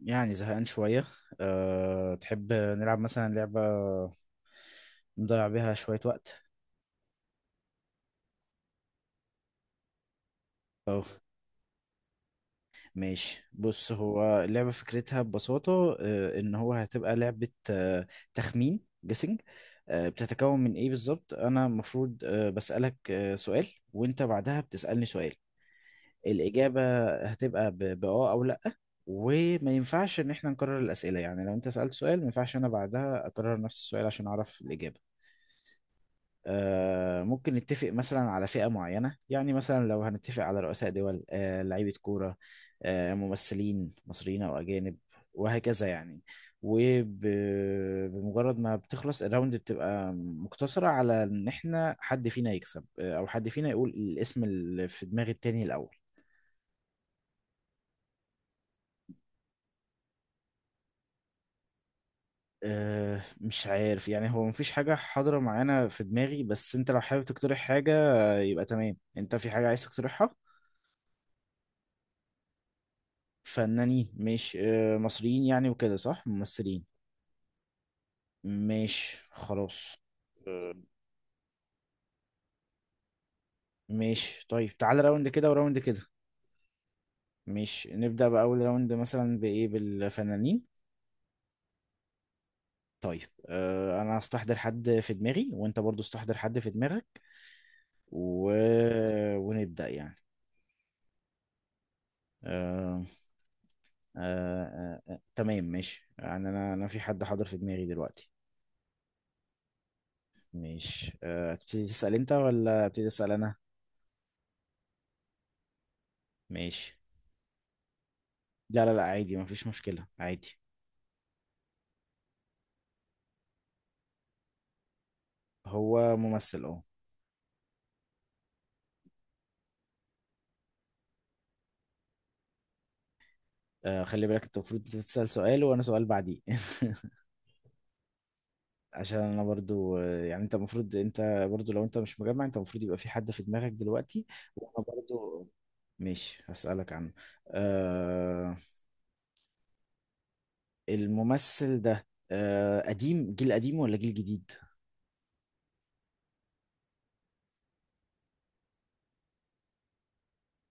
يعني زهقان شوية. تحب نلعب مثلا لعبة نضيع بيها شوية وقت أو ماشي. بص هو اللعبة فكرتها ببساطة، إن هو هتبقى لعبة تخمين، جيسنج. بتتكون من إيه بالظبط؟ أنا المفروض بسألك سؤال، وأنت بعدها بتسألني سؤال. الإجابة هتبقى بأه أو لأ، وما ينفعش إن إحنا نكرر الأسئلة. يعني لو أنت سألت سؤال ما ينفعش أنا بعدها أكرر نفس السؤال عشان أعرف الإجابة. ممكن نتفق مثلا على فئة معينة، يعني مثلا لو هنتفق على رؤساء دول، لعيبة كورة، ممثلين مصريين أو أجانب، وهكذا يعني. وبمجرد ما بتخلص الراوند بتبقى مقتصرة على إن إحنا حد فينا يكسب، أو حد فينا يقول الاسم اللي في دماغ التاني الأول. مش عارف يعني، هو مفيش حاجة حاضرة معانا في دماغي، بس أنت لو حابب تقترح حاجة يبقى تمام. أنت في حاجة عايز تقترحها؟ فنانين مش مصريين يعني وكده، صح؟ ممثلين مش خلاص. مش طيب، تعال راوند كده وراوند كده. مش نبدأ بأول راوند مثلا بإيه، بالفنانين؟ طيب أنا هستحضر حد في دماغي وأنت برضو استحضر حد في دماغك و... ونبدأ يعني. آه... تمام ماشي، يعني أنا في حد حاضر في دماغي دلوقتي. مش تبتدي تسأل أنت ولا أبتدي أسأل أنا؟ ماشي. لا لا لا، عادي، مفيش مشكلة عادي. هو ممثل اه. خلي بالك، انت المفروض تسأل سؤال وانا سؤال بعديه. عشان انا برضو، يعني انت المفروض، انت برضو، لو انت مش مجمع، انت المفروض يبقى في حد في دماغك دلوقتي. وانا برضو. ماشي هسألك عنه. آه، الممثل ده آه قديم، جيل قديم ولا جيل جديد؟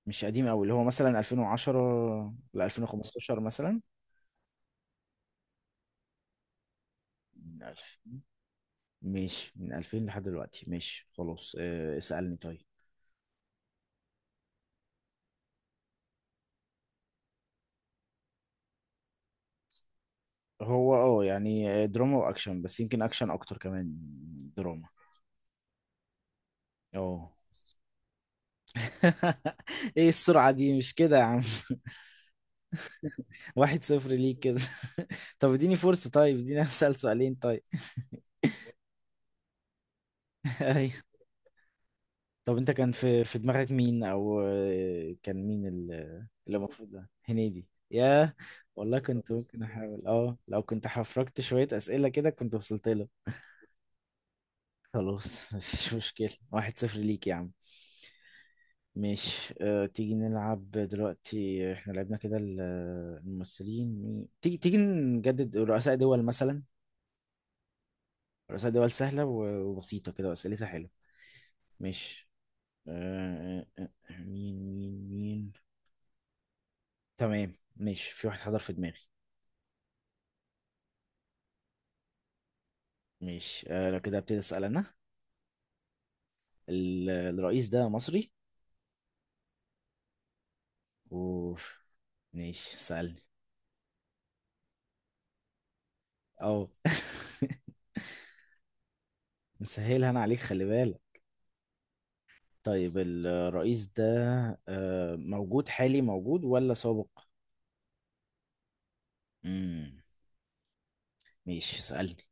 مش قديم قوي، اللي هو مثلا 2010 ل 2015 مثلا؟ من 2000. ماشي، من 2000 لحد دلوقتي. ماشي خلاص، آه اسألني طيب. هو اه يعني دراما واكشن، بس يمكن اكشن اكتر كمان من دراما. اه. ايه السرعة دي؟ مش كده يا عم. واحد صفر ليك كده. طب اديني فرصة، طيب اديني اسأل سؤالين طيب. ايوه. طب انت كان في دماغك مين؟ او كان مين اللي المفروض؟ ده هنيدي؟ ياه، والله كنت ممكن احاول. اه لو كنت حفركت شوية اسئلة كده كنت وصلت له. خلاص مفيش مشكلة، واحد صفر ليك يا عم. ماشي. تيجي نلعب دلوقتي، احنا لعبنا كده الممثلين. تيجي نجدد رؤساء دول مثلا. رؤساء دول سهلة وبسيطة كده وأسئلتها حلوة. ماشي. أه أه، أه، مين مين مين؟ تمام ماشي، في واحد حضر في دماغي. ماشي، لو كده ابتدي أسأل أنا. الرئيس ده مصري؟ اوف. ماشي، سألني. اه. مسهلها أنا عليك، خلي بالك. طيب الرئيس ده موجود حالي موجود ولا سابق؟ امم، ماشي اسألني.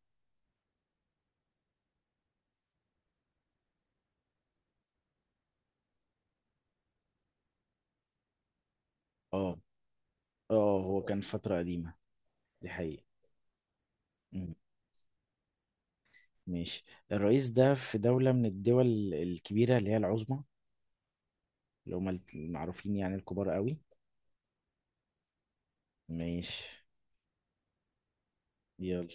اه اه هو كان فترة قديمة، دي حقيقة. امم ماشي. الرئيس ده في دولة من الدول الكبيرة اللي هي العظمى، اللي هم المعروفين يعني الكبار قوي. ماشي يلا.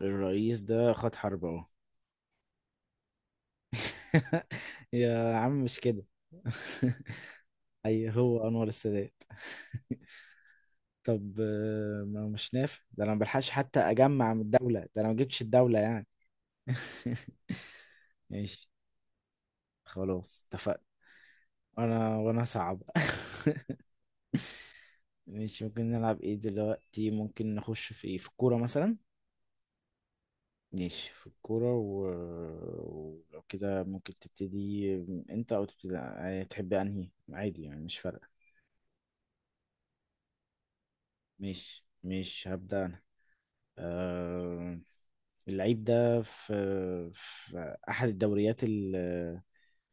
الرئيس ده خد حرب اهو. يا عم مش كده. اي هو انور السادات. طب ما مش نافع ده، انا ما بلحقش حتى اجمع من الدولة، ده انا ما جبتش الدولة يعني. ماشي، خلاص اتفقنا. وانا صعب. ماشي. ممكن نلعب ايه دلوقتي؟ ممكن نخش في ايه، في الكورة مثلا؟ ماشي في الكورة و... ولو كده ممكن تبتدي انت، او تبتدي يعني تحب انهي، عادي يعني مش فارقة. ماشي ماشي، هبدأ انا. أه... اللعيب ده في احد الدوريات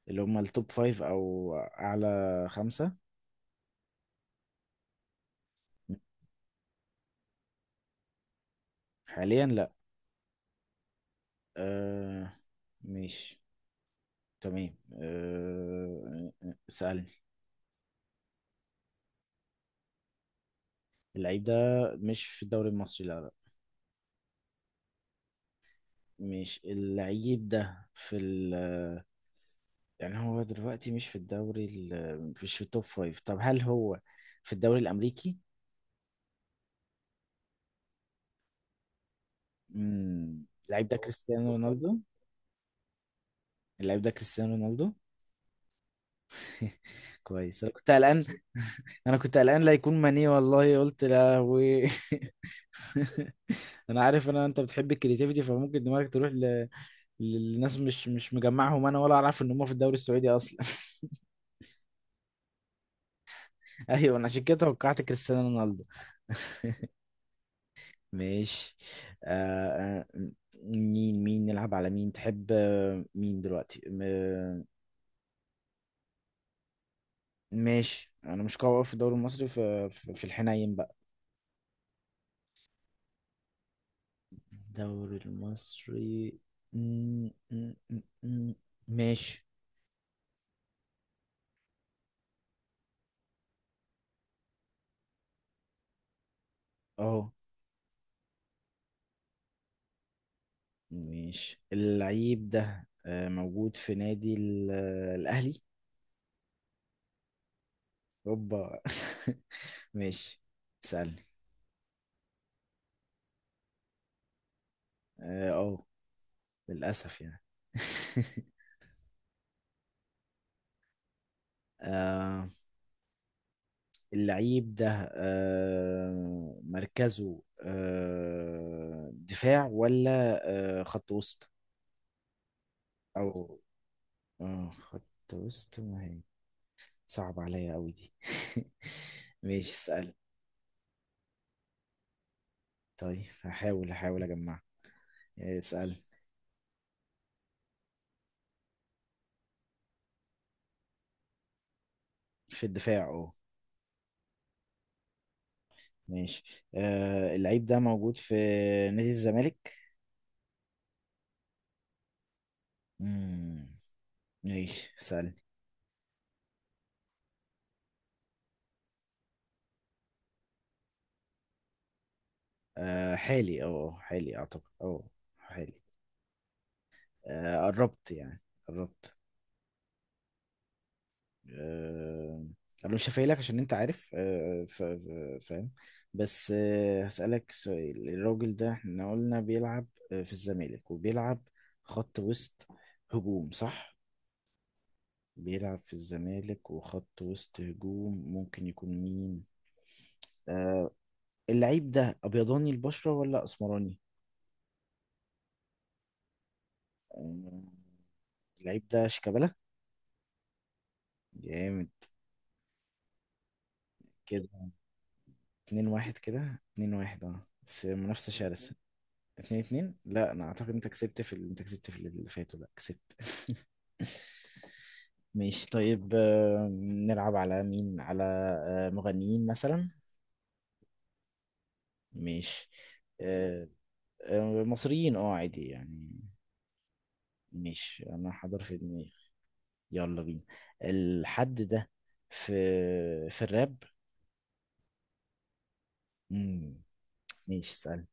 اللي هم التوب فايف او اعلى خمسة. حاليا لا. أه... ماشي تمام. سألني. اللعيب ده مش في الدوري المصري، لا لا. مش اللعيب ده في ال... يعني هو دلوقتي مش في الدوري مش في التوب فايف. طب هل هو في الدوري الأمريكي؟ مم. اللعيب ده كريستيانو رونالدو. اللعيب ده كريستيانو رونالدو. كويس، انا كنت قلقان. انا كنت قلقان لا يكون ماني، والله قلت لا. و انا عارف ان انت بتحب الكرياتيفيتي، فممكن دماغك تروح ل... للناس مش مش مجمعهم انا، ولا اعرف ان هم في الدوري السعودي اصلا. ايوه، انا عشان كده توقعت كريستيانو رونالدو. ماشي. آه آه، مين مين نلعب على مين؟ تحب مين دلوقتي ماشي. انا مش قوي أوي في الدوري المصري، في الحنين بقى. الدوري المصري. م- م- م- م- ماشي. اهو. ماشي. اللعيب ده موجود في نادي الأهلي؟ اوبا. ماشي اسألني. اه للأسف يعني. آه، اللعيب ده آه مركزه آه دفاع ولا خط وسط؟ او خط وسط ما هي. صعب عليا قوي دي. ماشي اسأل. طيب هحاول اجمع. اسأل. في الدفاع اه. ماشي. آه، اللعيب ده موجود في نادي الزمالك. مم. ماشي سألني. آه حالي، اه حالي اعتقد، اه حالي. آه قربت يعني، قربت. آه انا مش هفايلك عشان انت عارف، آه فاهم. بس آه هسألك سؤال. الراجل ده احنا قلنا بيلعب في الزمالك، وبيلعب خط وسط هجوم صح؟ بيلعب في الزمالك وخط وسط هجوم، ممكن يكون مين؟ آه، اللعيب ده ابيضاني البشرة ولا اسمراني؟ آه، اللعيب ده شيكابالا. جامد كده. اتنين واحد كده، اتنين واحد اه، بس منافسة شرسة. اتنين اتنين، لا انا اعتقد انت كسبت انت كسبت في اللي فاتوا. لا كسبت. ماشي طيب. نلعب على مين؟ على مغنيين مثلا. ماشي. آه، مصريين اه عادي يعني. ماشي، انا حاضر في دماغي. يلا بينا. الحد ده في الراب؟ امم، ماشي اسأل.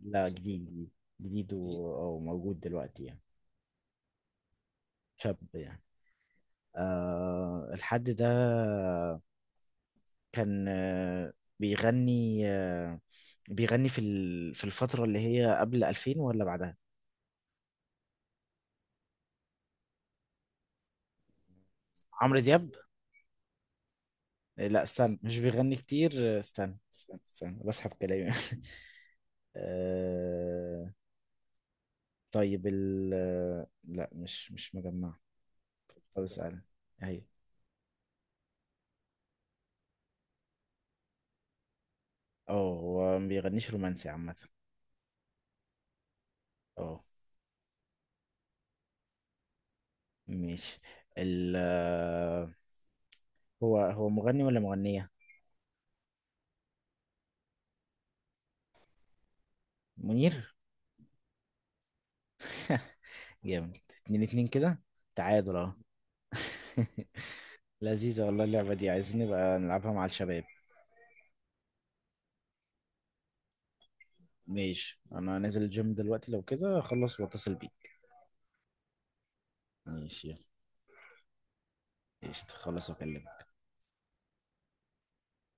لا جديد، جديد او موجود دلوقتي يعني، شاب يعني. آه الحد ده كان آه بيغني، آه بيغني في الفترة اللي هي قبل 2000 ولا بعدها؟ عمرو دياب. آه، لا استنى، مش بيغني كتير. آه، استنى بسحب كلامي. آه. طيب ال... لا مش مش مجمع. طب اسأل هي. اه هو ما بيغنيش رومانسي عامة. اه. ماشي. ال آه، هو هو مغني ولا مغنية؟ منير. جامد، اتنين اتنين كده، تعادل اهو. لذيذة والله اللعبة دي، عايزين نبقى نلعبها مع الشباب. ماشي، انا نازل الجيم دلوقتي، لو كده اخلص واتصل بيك. ماشي. يلا قشطة، خلص واكلمك.